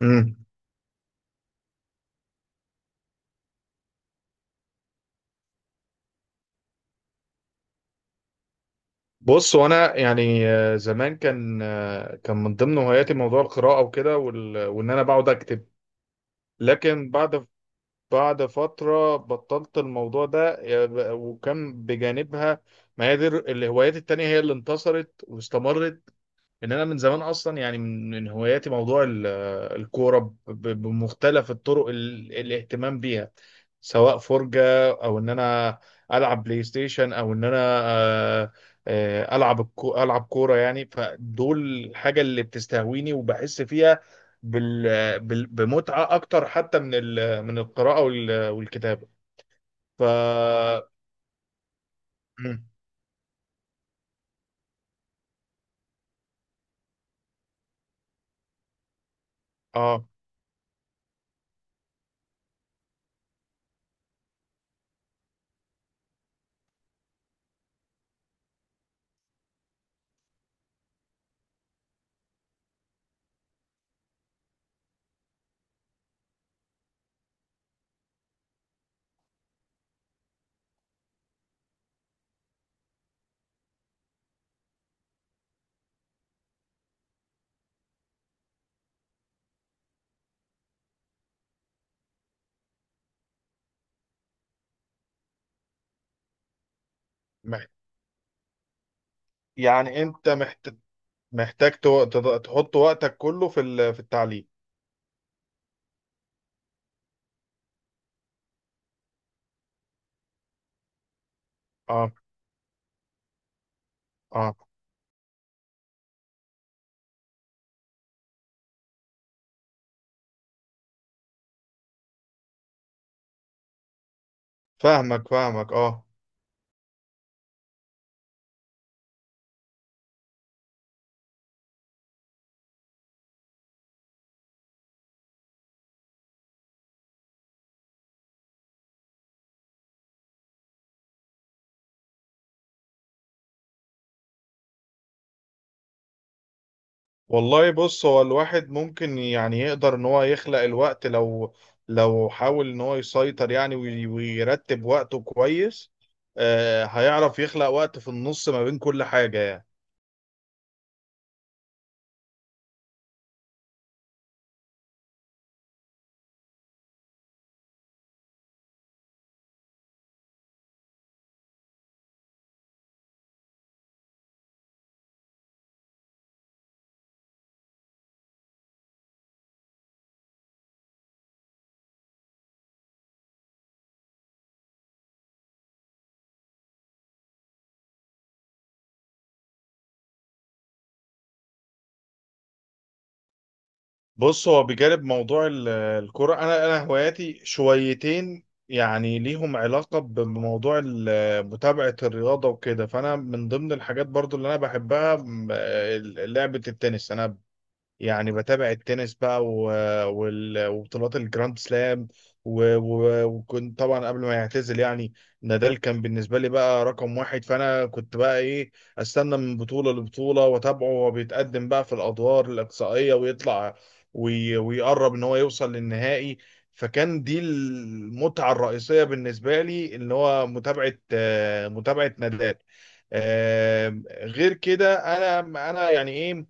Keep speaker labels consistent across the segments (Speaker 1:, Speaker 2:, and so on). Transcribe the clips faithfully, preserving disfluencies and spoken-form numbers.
Speaker 1: امم بص، وانا يعني آه، زمان كان، آه، كان من ضمن هواياتي موضوع القراءه وكده، وال- وان انا بقعد اكتب. لكن بعد بعد فتره بطلت الموضوع ده، يا ب- وكان بجانبها ما هي دي الر- الهوايات التانية هي اللي انتصرت واستمرت. ان انا من زمان اصلا يعني من من هواياتي موضوع ال- الكوره، ب- ب- بمختلف الطرق ال- الاهتمام بيها، سواء فرجه او ان انا العب بلاي ستيشن، او ان انا آه، آه، العب الكو- العب كوره يعني. فدول الحاجه اللي بتستهويني وبحس فيها بال بال- بمتعه اكتر حتى من ال- من القراءه وال- والكتابه. ف مم. اه. مح- يعني انت محت... محتاج تو- تض- تحط وقتك كله في ال- في التعليم. اه اه، فاهمك فاهمك اه. والله بص، هو الواحد ممكن يعني يقدر ان هو يخلق الوقت، لو لو حاول ان هو يسيطر يعني وي- ويرتب وقته كويس، آه هيعرف يخلق وقت في النص ما بين كل حاجة يعني. بص، هو بجانب موضوع ال- الكرة، أنا أنا هواياتي شويتين يعني ليهم علاقة بموضوع ال- متابعة الرياضة وكده. فأنا من ضمن الحاجات برضو اللي أنا بحبها م- لعبة التنس. أنا يعني بتابع التنس بقى، و... وال... وبطولات الجراند سلام. و... و... وكنت طبعا قبل ما يعتزل يعني، نادال كان بالنسبة لي بقى رقم واحد. فأنا كنت بقى إيه، أستنى من بطولة لبطولة وأتابعه وهو بيتقدم بقى في الأدوار الإقصائية ويطلع وي... ويقرب إن هو يوصل للنهائي. فكان دي المتعة الرئيسية بالنسبة لي، اللي هو متابعة، آه، متابعة نادال. آه، غير كده أنا أنا يعني إيه،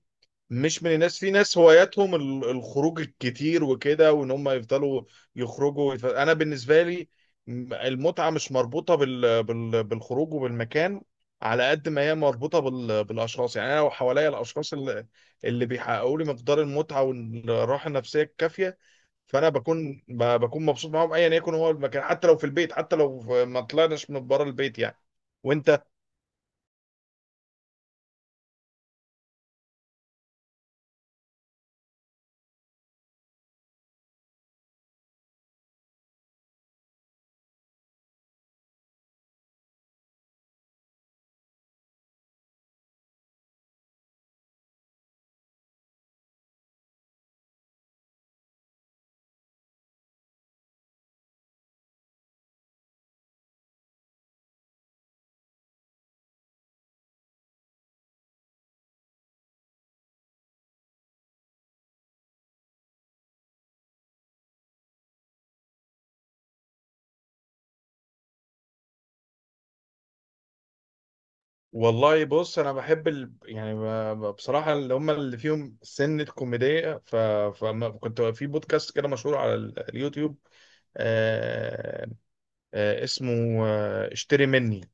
Speaker 1: مش من الناس، في ناس هواياتهم ال- الخروج الكتير وكده، وان هم يفضلوا يخرجوا ويتف- انا بالنسبه لي، م- المتعه مش مربوطه بال... بال... بالخروج وبالمكان، على قد ما هي مربوطه بال... بالاشخاص يعني. انا لو حواليا الاشخاص، اللي, اللي بيحققوا لي مقدار المتعه والراحه النفسيه الكافيه، فانا بكون ب... بكون مبسوط معاهم ايا يكن هو المكان، حتى لو في البيت، حتى لو في- ما طلعناش من بره البيت يعني. وانت، والله بص، انا بحب ال... يعني ب- ب- بصراحه اللي هم اللي فيهم سنه كوميديه. ف... فكنت في بودكاست كده مشهور على ال- اليوتيوب، آه... آه... اسمه آه... اشتري مني.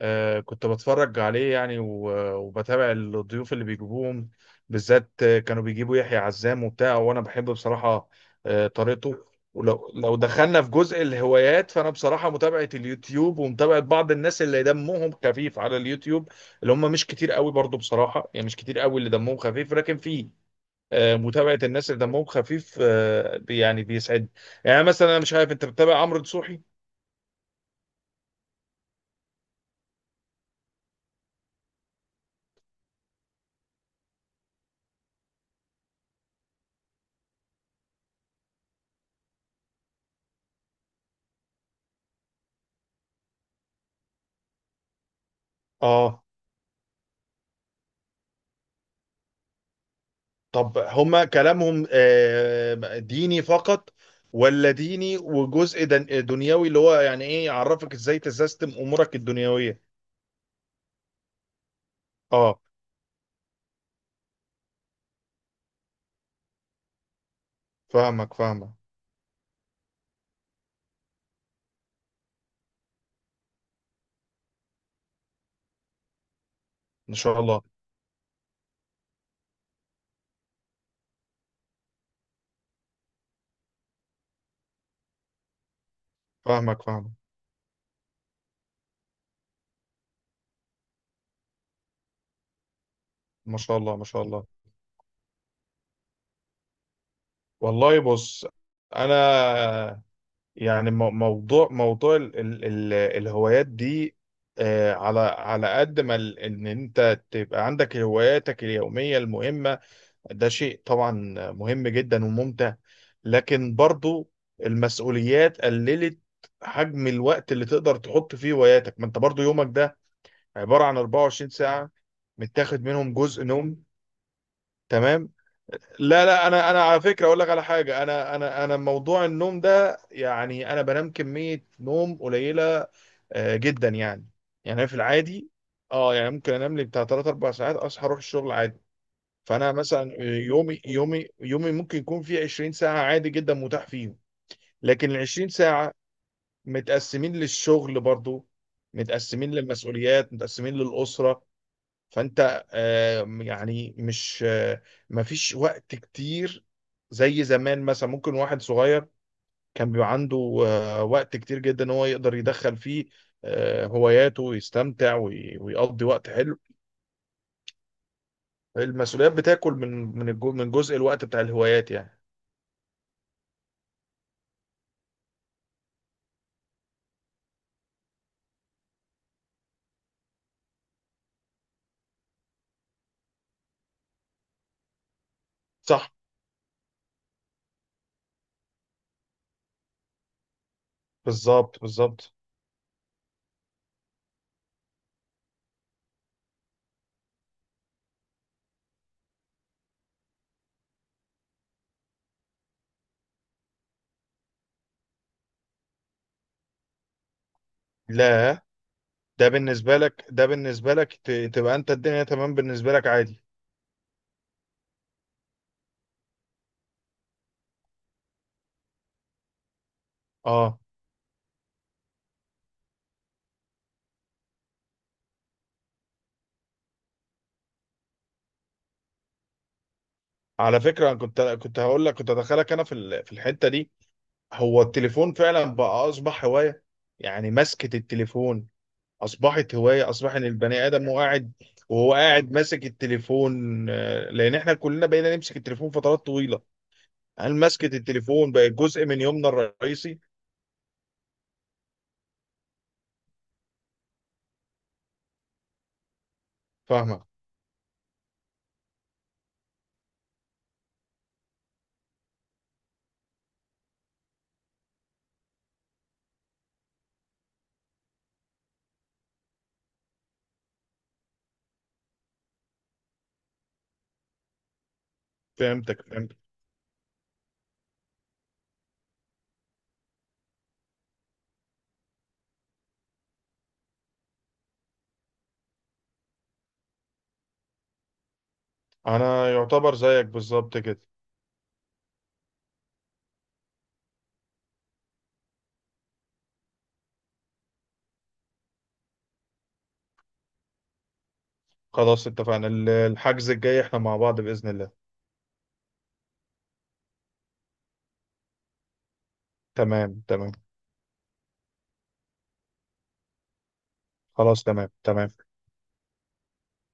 Speaker 1: آه، كنت بتفرج عليه يعني، و- وبتابع الضيوف اللي بيجيبوهم، بالذات آه، كانوا بيجيبوا يحيى عزام وبتاع. وانا بحب بصراحة آه، طريقته. ولو لو دخلنا في جزء الهوايات، فانا بصراحة متابعة اليوتيوب ومتابعة بعض الناس اللي دمهم خفيف على اليوتيوب، اللي هم مش كتير قوي برضو بصراحة يعني، مش كتير قوي اللي دمهم خفيف، لكن في آه، متابعة الناس اللي دمهم خفيف آه، بي- يعني بيسعد. يعني مثلا انا مش عارف، انت بتتابع عمرو دسوحي؟ اه. طب هما كلامهم آه، ديني فقط، ولا ديني وجزء دن- دنيوي، اللي هو يعني ايه يعرفك ازاي تسيستم امورك الدنيوية؟ اه، فاهمك فاهمك. ما شاء الله. فاهمك فاهمك. ما شاء الله، ما شاء الله. والله بص، انا يعني مو- موضوع موضوع ال ال ال الهوايات دي، آه، على على قد ما ال- ان انت تبقى عندك هواياتك اليومية المهمة، ده شيء طبعا مهم جدا وممتع، لكن برضو المسؤوليات قللت حجم الوقت اللي تقدر تحط فيه هواياتك، ما انت برضو يومك ده عبارة عن اربعة وعشرين ساعة، متاخد منهم جزء نوم. تمام. لا لا، انا انا على فكرة اقول لك على حاجة، انا انا انا موضوع النوم ده يعني، انا بنام كمية نوم قليلة آه، جدا يعني. يعني أنا في العادي، اه، يعني ممكن انام لي بتاع ثلاث اربعة ساعات، اصحى اروح الشغل عادي. فانا مثلا يومي يومي يومي ممكن يكون فيه عشرين ساعه عادي جدا متاح فيهم، لكن ال عشرين ساعه متقسمين للشغل برضو، متقسمين للمسؤوليات، متقسمين للاسره. فانت آه، يعني مش، آه، مفيش وقت كتير زي زمان. مثلا ممكن واحد صغير كان بيبقى عنده آه، وقت كتير جدا ان هو يقدر يدخل فيه آه، هواياته ويستمتع وي- ويقضي وقت حلو. المسؤوليات بتاكل من من الجو- من جزء الوقت بتاع الهوايات يعني. صح. بالظبط بالظبط. لا، ده بالنسبة لك، ده بالنسبة لك ت- تبقى انت الدنيا تمام بالنسبة لك عادي. اه، على فكرة انا كنت، كنت هقول لك، كنت ادخلك انا في ال- في الحتة دي. هو التليفون فعلا بقى اصبح هواية، يعني مسكة التليفون اصبحت هواية. اصبح ان البني ادم هو قاعد، وهو قاعد ماسك التليفون، آه، لان احنا كلنا بقينا نمسك التليفون فترات طويلة. هل مسكة التليفون بقت جزء من يومنا الرئيسي؟ فاهمك. فهمتك فهمتك. انا يعتبر زيك بالظبط كده. خلاص اتفقنا، ال- الحجز الجاي احنا مع بعض بإذن الله. تمام تمام. خلاص. تمام تمام.